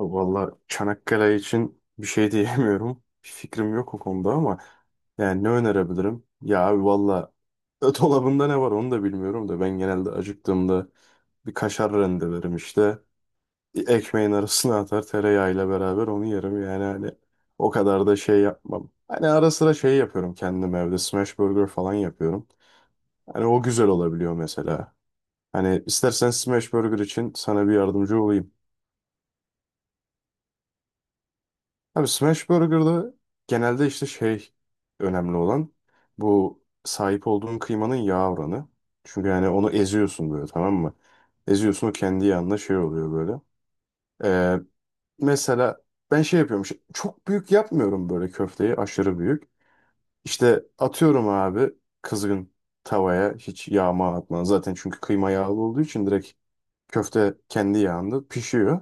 Vallahi Çanakkale için bir şey diyemiyorum. Bir fikrim yok o konuda ama yani ne önerebilirim? Ya abi valla dolabında ne var onu da bilmiyorum da ben genelde acıktığımda bir kaşar rendelerim işte. Ekmeğin arasına atar tereyağıyla beraber onu yerim yani hani o kadar da şey yapmam. Hani ara sıra şey yapıyorum kendim evde smash burger falan yapıyorum. Hani o güzel olabiliyor mesela. Hani istersen smash burger için sana bir yardımcı olayım. Abi Smash Burger'da genelde işte şey önemli olan bu sahip olduğun kıymanın yağ oranı. Çünkü yani onu eziyorsun böyle, tamam mı? Eziyorsun, o kendi yağında şey oluyor böyle. Ee, mesela ben şey yapıyorum çok büyük yapmıyorum böyle köfteyi aşırı büyük. İşte atıyorum abi kızgın tavaya hiç yağma atmadan zaten, çünkü kıyma yağlı olduğu için direkt köfte kendi yağında pişiyor.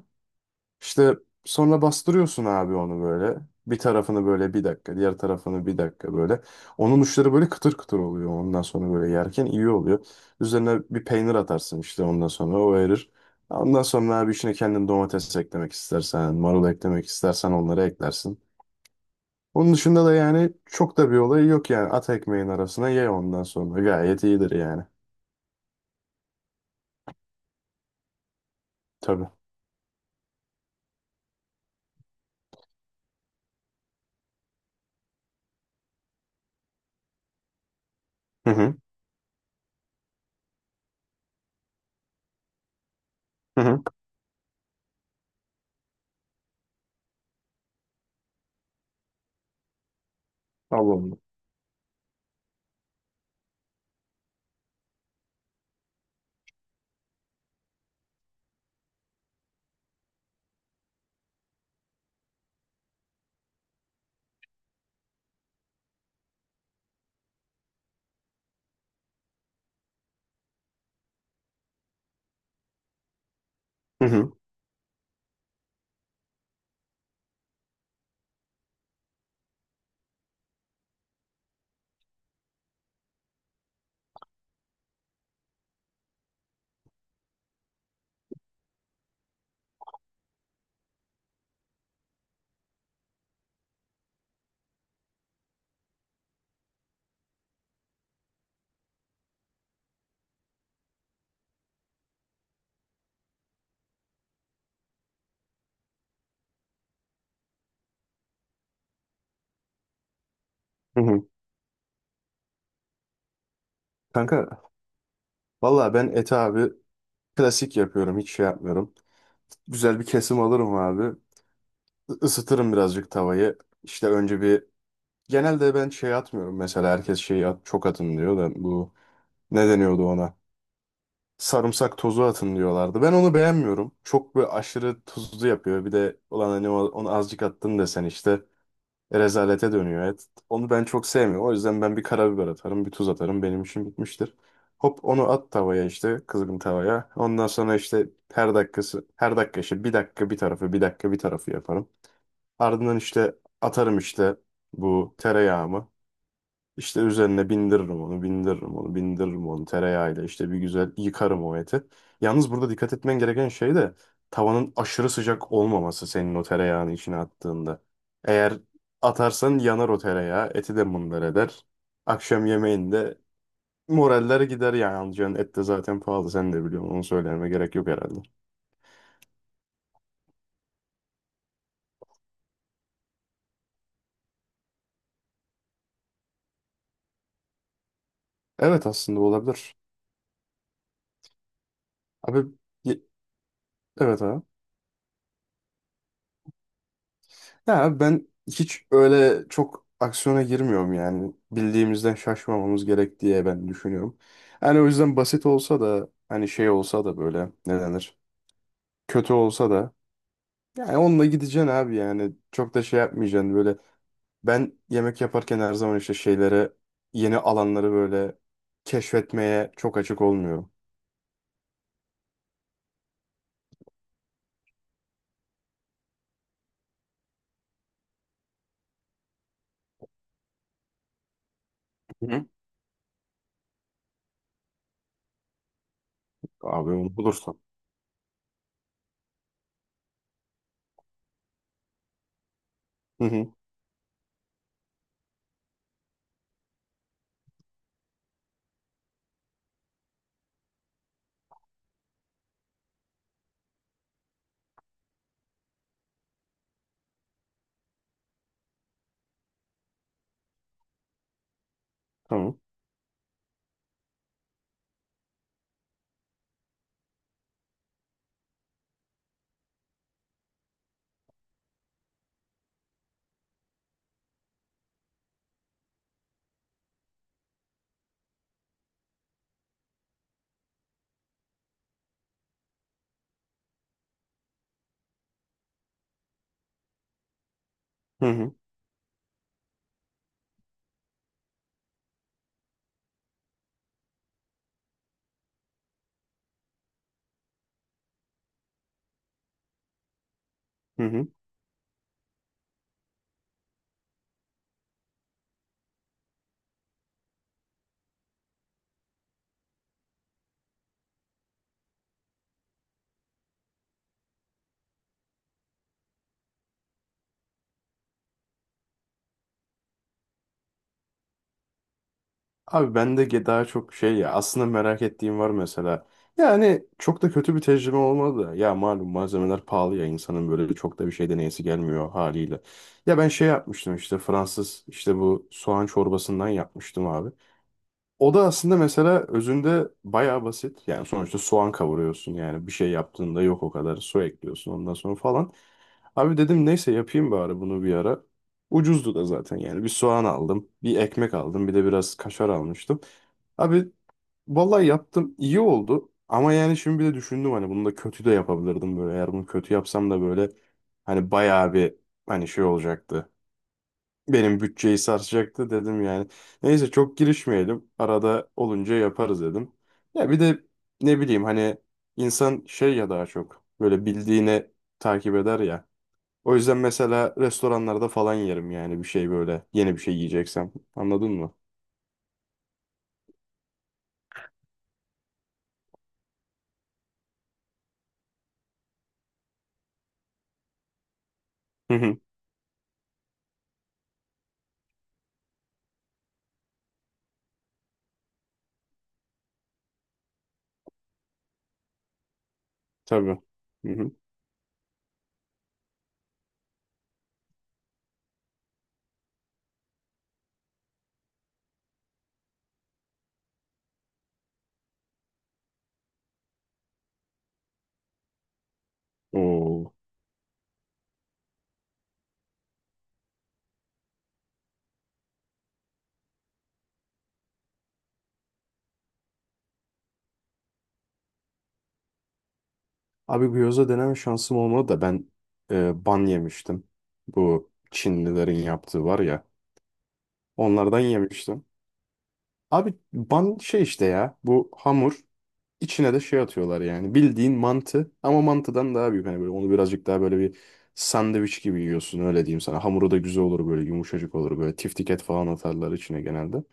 İşte sonra bastırıyorsun abi onu böyle. Bir tarafını böyle bir dakika, diğer tarafını bir dakika böyle. Onun uçları böyle kıtır kıtır oluyor. Ondan sonra böyle yerken iyi oluyor. Üzerine bir peynir atarsın işte, ondan sonra o erir. Ondan sonra abi içine kendin domates eklemek istersen, marul eklemek istersen onları eklersin. Onun dışında da yani çok da bir olayı yok yani. At ekmeğin arasına, ye ondan sonra. Gayet iyidir yani. Tabii. Hı hı. Hı hı. Allah'ım. Hı hı. Hı hı. Kanka valla ben eti abi klasik yapıyorum. Hiç şey yapmıyorum. Güzel bir kesim alırım abi. Isıtırım birazcık tavayı. İşte önce bir... Genelde ben şey atmıyorum. Mesela herkes şey at, çok atın diyor da bu... Ne deniyordu ona? Sarımsak tozu atın diyorlardı. Ben onu beğenmiyorum. Çok böyle aşırı tuzlu yapıyor. Bir de ulan hani onu azıcık attın desen işte. Rezalete dönüyor. Evet, onu ben çok sevmiyorum. O yüzden ben bir karabiber atarım, bir tuz atarım. Benim işim bitmiştir. Hop onu at tavaya işte kızgın tavaya. Ondan sonra işte her dakikası, her dakika işte bir dakika bir tarafı, bir dakika bir tarafı yaparım. Ardından işte atarım işte bu tereyağımı. İşte üzerine bindiririm onu, bindiririm onu, bindiririm onu tereyağıyla. İşte bir güzel yıkarım o eti. Yalnız burada dikkat etmen gereken şey de tavanın aşırı sıcak olmaması senin o tereyağını içine attığında. Eğer atarsan yanar o tereyağı, eti de mındar eder. Akşam yemeğinde moraller gider yani, alacağın et de zaten pahalı, sen de biliyorsun, onu söylememe gerek yok herhalde. Evet aslında olabilir. Abi ye- evet abi. Ya ben hiç öyle çok aksiyona girmiyorum yani. Bildiğimizden şaşmamamız gerek diye ben düşünüyorum. Yani o yüzden basit olsa da, hani şey olsa da böyle, ne denir? Kötü olsa da yani onunla gideceksin abi yani. Çok da şey yapmayacaksın böyle. Ben yemek yaparken her zaman işte şeylere, yeni alanları böyle keşfetmeye çok açık olmuyorum. Hı. Abi onu bulursan. Hı hı. Tamam. Hı hı. Hı hı. Abi bende daha çok şey, ya aslında merak ettiğim var mesela. Yani çok da kötü bir tecrübe olmadı da. Ya malum malzemeler pahalı ya, insanın böyle çok da bir şey deneyesi gelmiyor haliyle. Ya ben şey yapmıştım işte, Fransız işte bu soğan çorbasından yapmıştım abi. O da aslında mesela özünde bayağı basit. Yani sonuçta soğan kavuruyorsun yani, bir şey yaptığında yok o kadar, su ekliyorsun ondan sonra falan. Abi dedim neyse yapayım bari bunu bir ara. Ucuzdu da zaten yani, bir soğan aldım, bir ekmek aldım, bir de biraz kaşar almıştım. Abi vallahi yaptım, iyi oldu ama yani şimdi bir de düşündüm hani bunu da kötü de yapabilirdim böyle. Eğer bunu kötü yapsam da böyle hani bayağı bir, hani şey olacaktı. Benim bütçeyi sarsacaktı dedim yani. Neyse, çok girişmeyelim. Arada olunca yaparız dedim. Ya bir de ne bileyim hani, insan şey ya, daha çok böyle bildiğini takip eder ya. O yüzden mesela restoranlarda falan yerim yani bir şey, böyle yeni bir şey yiyeceksem. Anladın mı? Hı hı. Tabii. Hı hı. Oo. Abi gyoza deneme şansım olmadı da ben ban yemiştim. Bu Çinlilerin yaptığı var ya. Onlardan yemiştim. Abi ban şey işte, ya bu hamur içine de şey atıyorlar yani, bildiğin mantı ama mantıdan daha büyük, hani böyle onu birazcık daha böyle bir sandviç gibi yiyorsun, öyle diyeyim sana. Hamuru da güzel olur böyle, yumuşacık olur böyle, tiftiket falan atarlar içine genelde,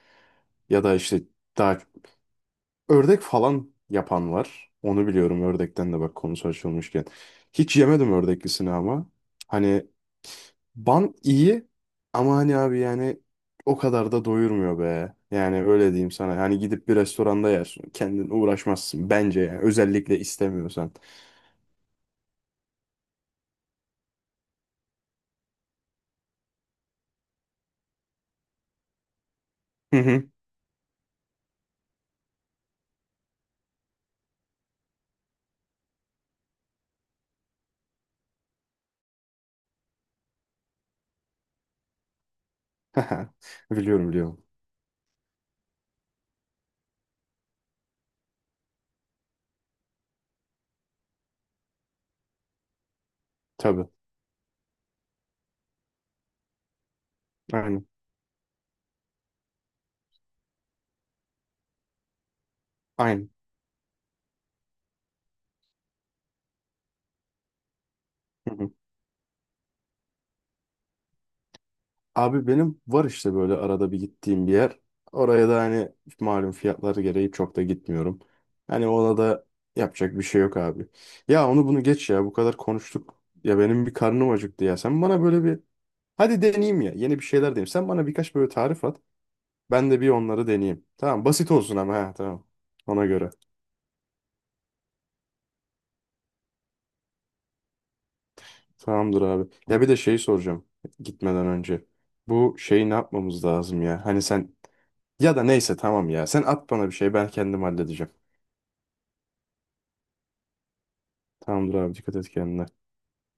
ya da işte daha, ördek falan yapan var. Onu biliyorum ördekten de, bak konusu açılmışken. Hiç yemedim ördeklisini ama. Hani ban iyi ama hani abi yani o kadar da doyurmuyor be. Yani öyle diyeyim sana. Hani gidip bir restoranda yersin. Kendin uğraşmazsın bence yani. Özellikle istemiyorsan. Hı hı. Biliyorum, biliyorum. Tabii. Aynen. Aynen. Abi benim var işte böyle arada bir gittiğim bir yer. Oraya da hani malum fiyatları gereği çok da gitmiyorum. Hani ona da yapacak bir şey yok abi. Ya onu bunu geç ya, bu kadar konuştuk. Ya benim bir karnım acıktı ya. Sen bana böyle bir, hadi deneyeyim ya, yeni bir şeyler deneyeyim. Sen bana birkaç böyle tarif at. Ben de bir onları deneyeyim. Tamam, basit olsun ama, ha tamam. Ona göre. Tamamdır abi. Ya bir de şeyi soracağım gitmeden önce. Bu şeyi ne yapmamız lazım ya? Hani sen, ya da neyse tamam ya. Sen at bana bir şey, ben kendim halledeceğim. Tamamdır abi, dikkat et kendine.